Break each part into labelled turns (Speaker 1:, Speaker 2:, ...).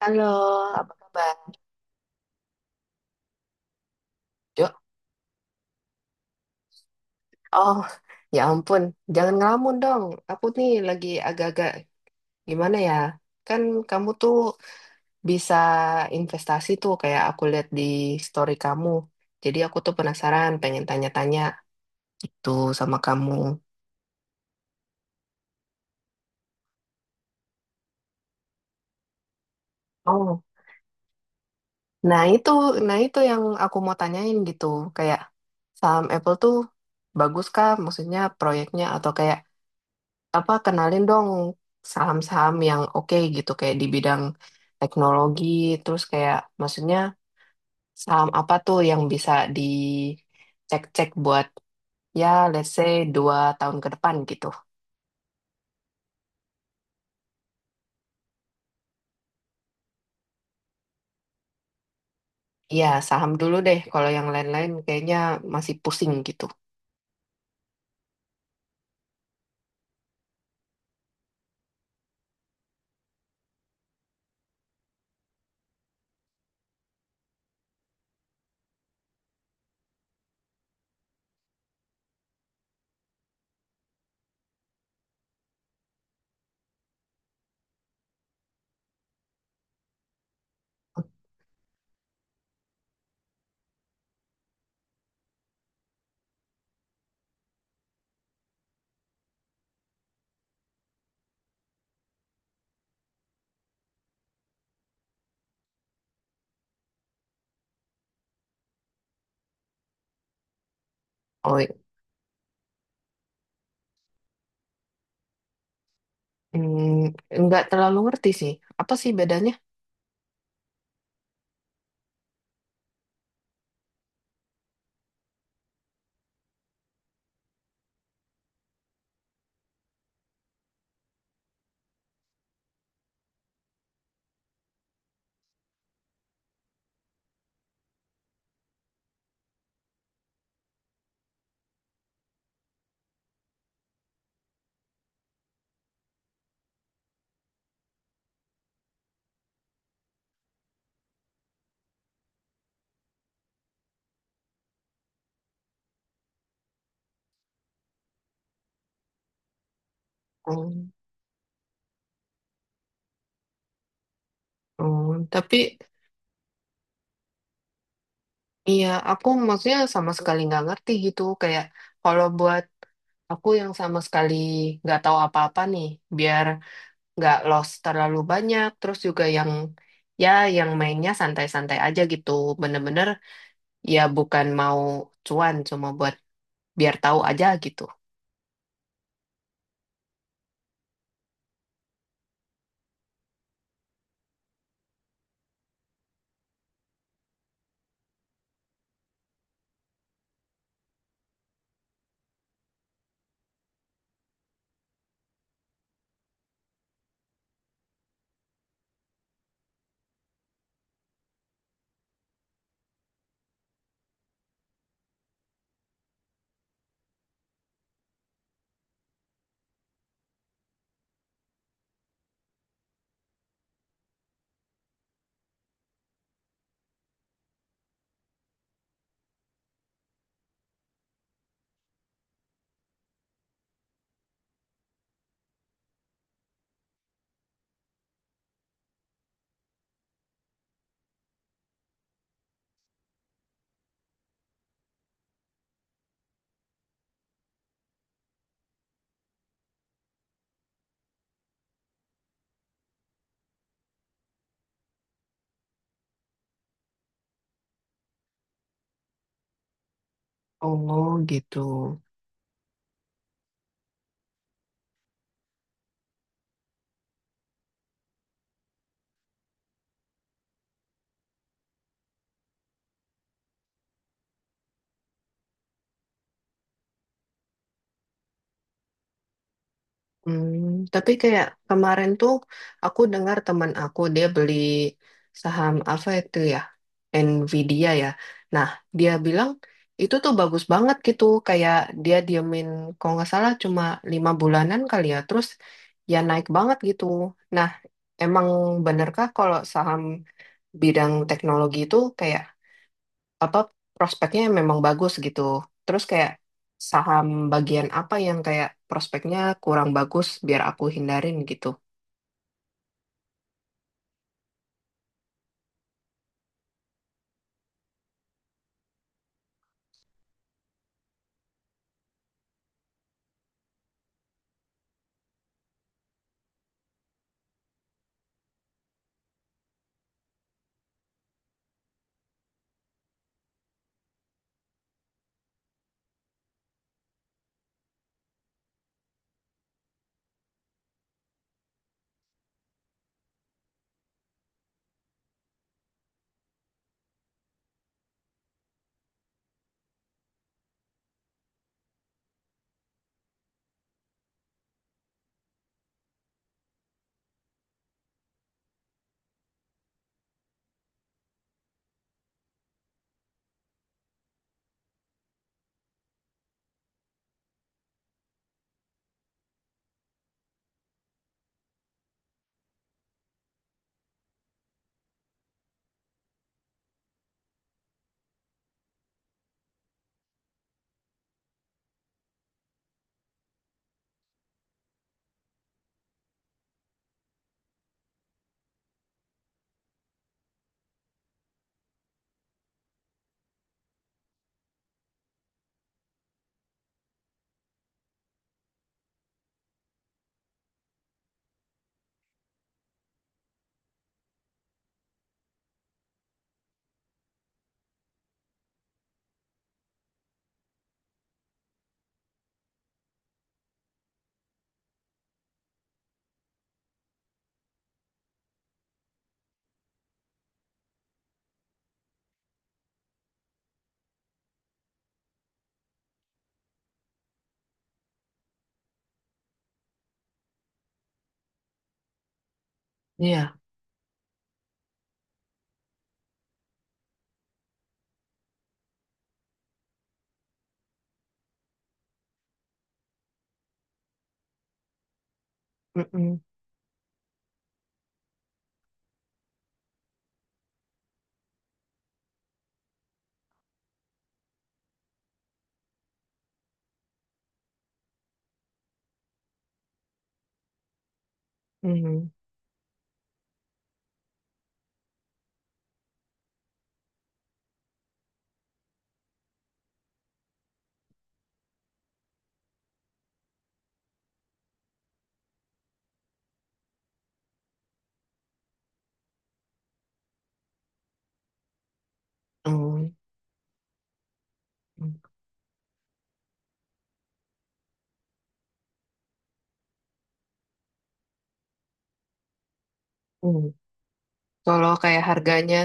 Speaker 1: Halo, apa kabar? Jo, oh, ya ampun, jangan ngelamun dong. Aku nih lagi agak-agak, gimana ya? Kan kamu tuh bisa investasi tuh, kayak aku lihat di story kamu. Jadi aku tuh penasaran, pengen tanya-tanya gitu sama kamu. Oh, nah itu, nah itu yang aku mau tanyain gitu. Kayak saham Apple tuh bagus kah? Maksudnya proyeknya atau kayak apa, kenalin dong saham-saham yang oke gitu, kayak di bidang teknologi, terus kayak maksudnya saham apa tuh yang bisa dicek-cek buat, ya, let's say 2 tahun ke depan gitu. Iya, saham dulu deh, kalau yang lain-lain kayaknya masih pusing gitu. Oh, nggak terlalu ngerti sih. Apa sih bedanya? Hmm, hmm. Tapi, iya, aku maksudnya sama sekali nggak ngerti gitu. Kayak kalau buat aku yang sama sekali nggak tahu apa-apa nih, biar nggak lost terlalu banyak. Terus juga yang, ya, yang mainnya santai-santai aja gitu. Bener-bener, ya, bukan mau cuan, cuma buat biar tahu aja gitu. Oh gitu. Hmm, tapi kayak kemarin tuh aku dengar teman aku dia beli saham apa itu ya? Nvidia ya. Nah, dia bilang itu tuh bagus banget gitu. Kayak dia diemin kalau nggak salah cuma 5 bulanan kali ya. Terus ya naik banget gitu. Nah, emang benerkah kalau saham bidang teknologi itu kayak apa prospeknya memang bagus gitu. Terus kayak saham bagian apa yang kayak prospeknya kurang bagus biar aku hindarin gitu. Iya. Mm-mm. Mm-mm. Mm-mm. Mm. Kalau kayak harganya,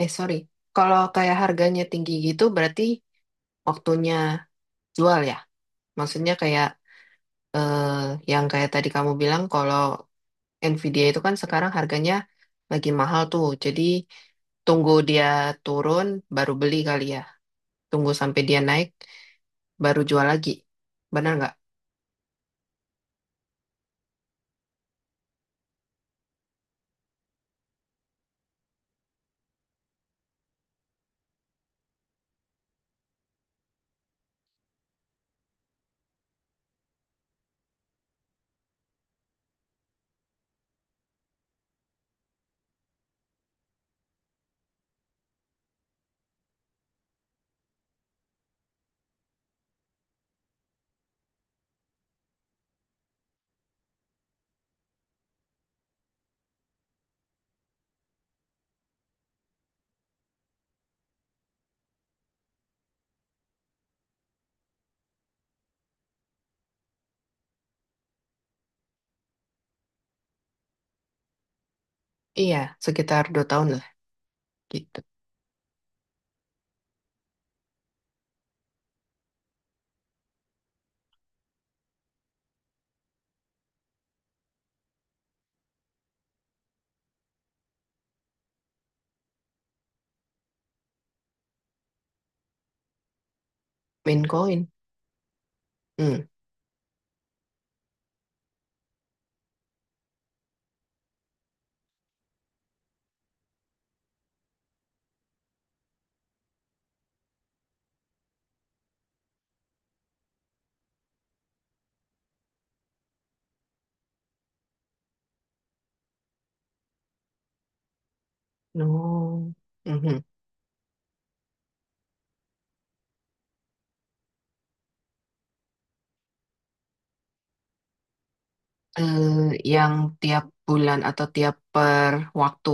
Speaker 1: eh sorry, kalau kayak harganya tinggi gitu berarti waktunya jual ya. Maksudnya kayak, eh, yang kayak tadi kamu bilang kalau Nvidia itu kan sekarang harganya lagi mahal tuh. Jadi tunggu dia turun baru beli kali ya. Tunggu sampai dia naik baru jual lagi, benar nggak? Iya, sekitar 2 tahun lah gitu. Main coin. Hmm. No. Mhm. Eh, yang tiap bulan atau tiap per waktu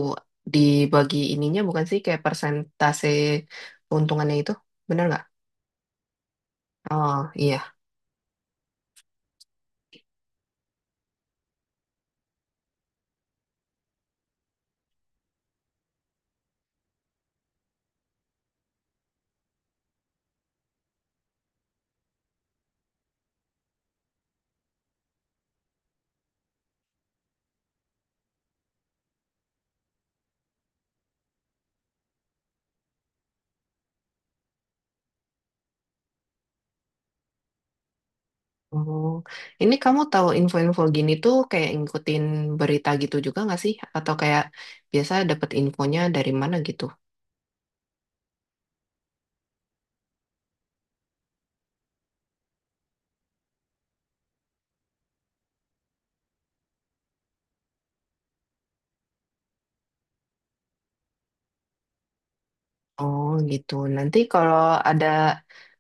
Speaker 1: dibagi ininya bukan sih, kayak persentase keuntungannya itu, benar nggak? Oh iya. Oh, ini kamu tahu info-info gini tuh kayak ngikutin berita gitu juga nggak sih, atau kayak biasa dapat infonya dari mana gitu? Oh gitu. Nanti kalau ada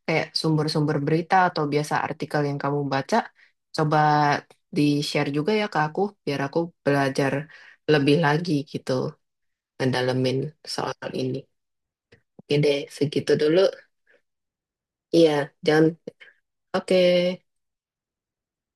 Speaker 1: kayak sumber-sumber berita atau biasa artikel yang kamu baca, coba di-share juga ya ke aku, biar aku belajar lebih lagi gitu, ngedalemin soal ini. Oke deh, segitu dulu. Iya, jangan. Oke.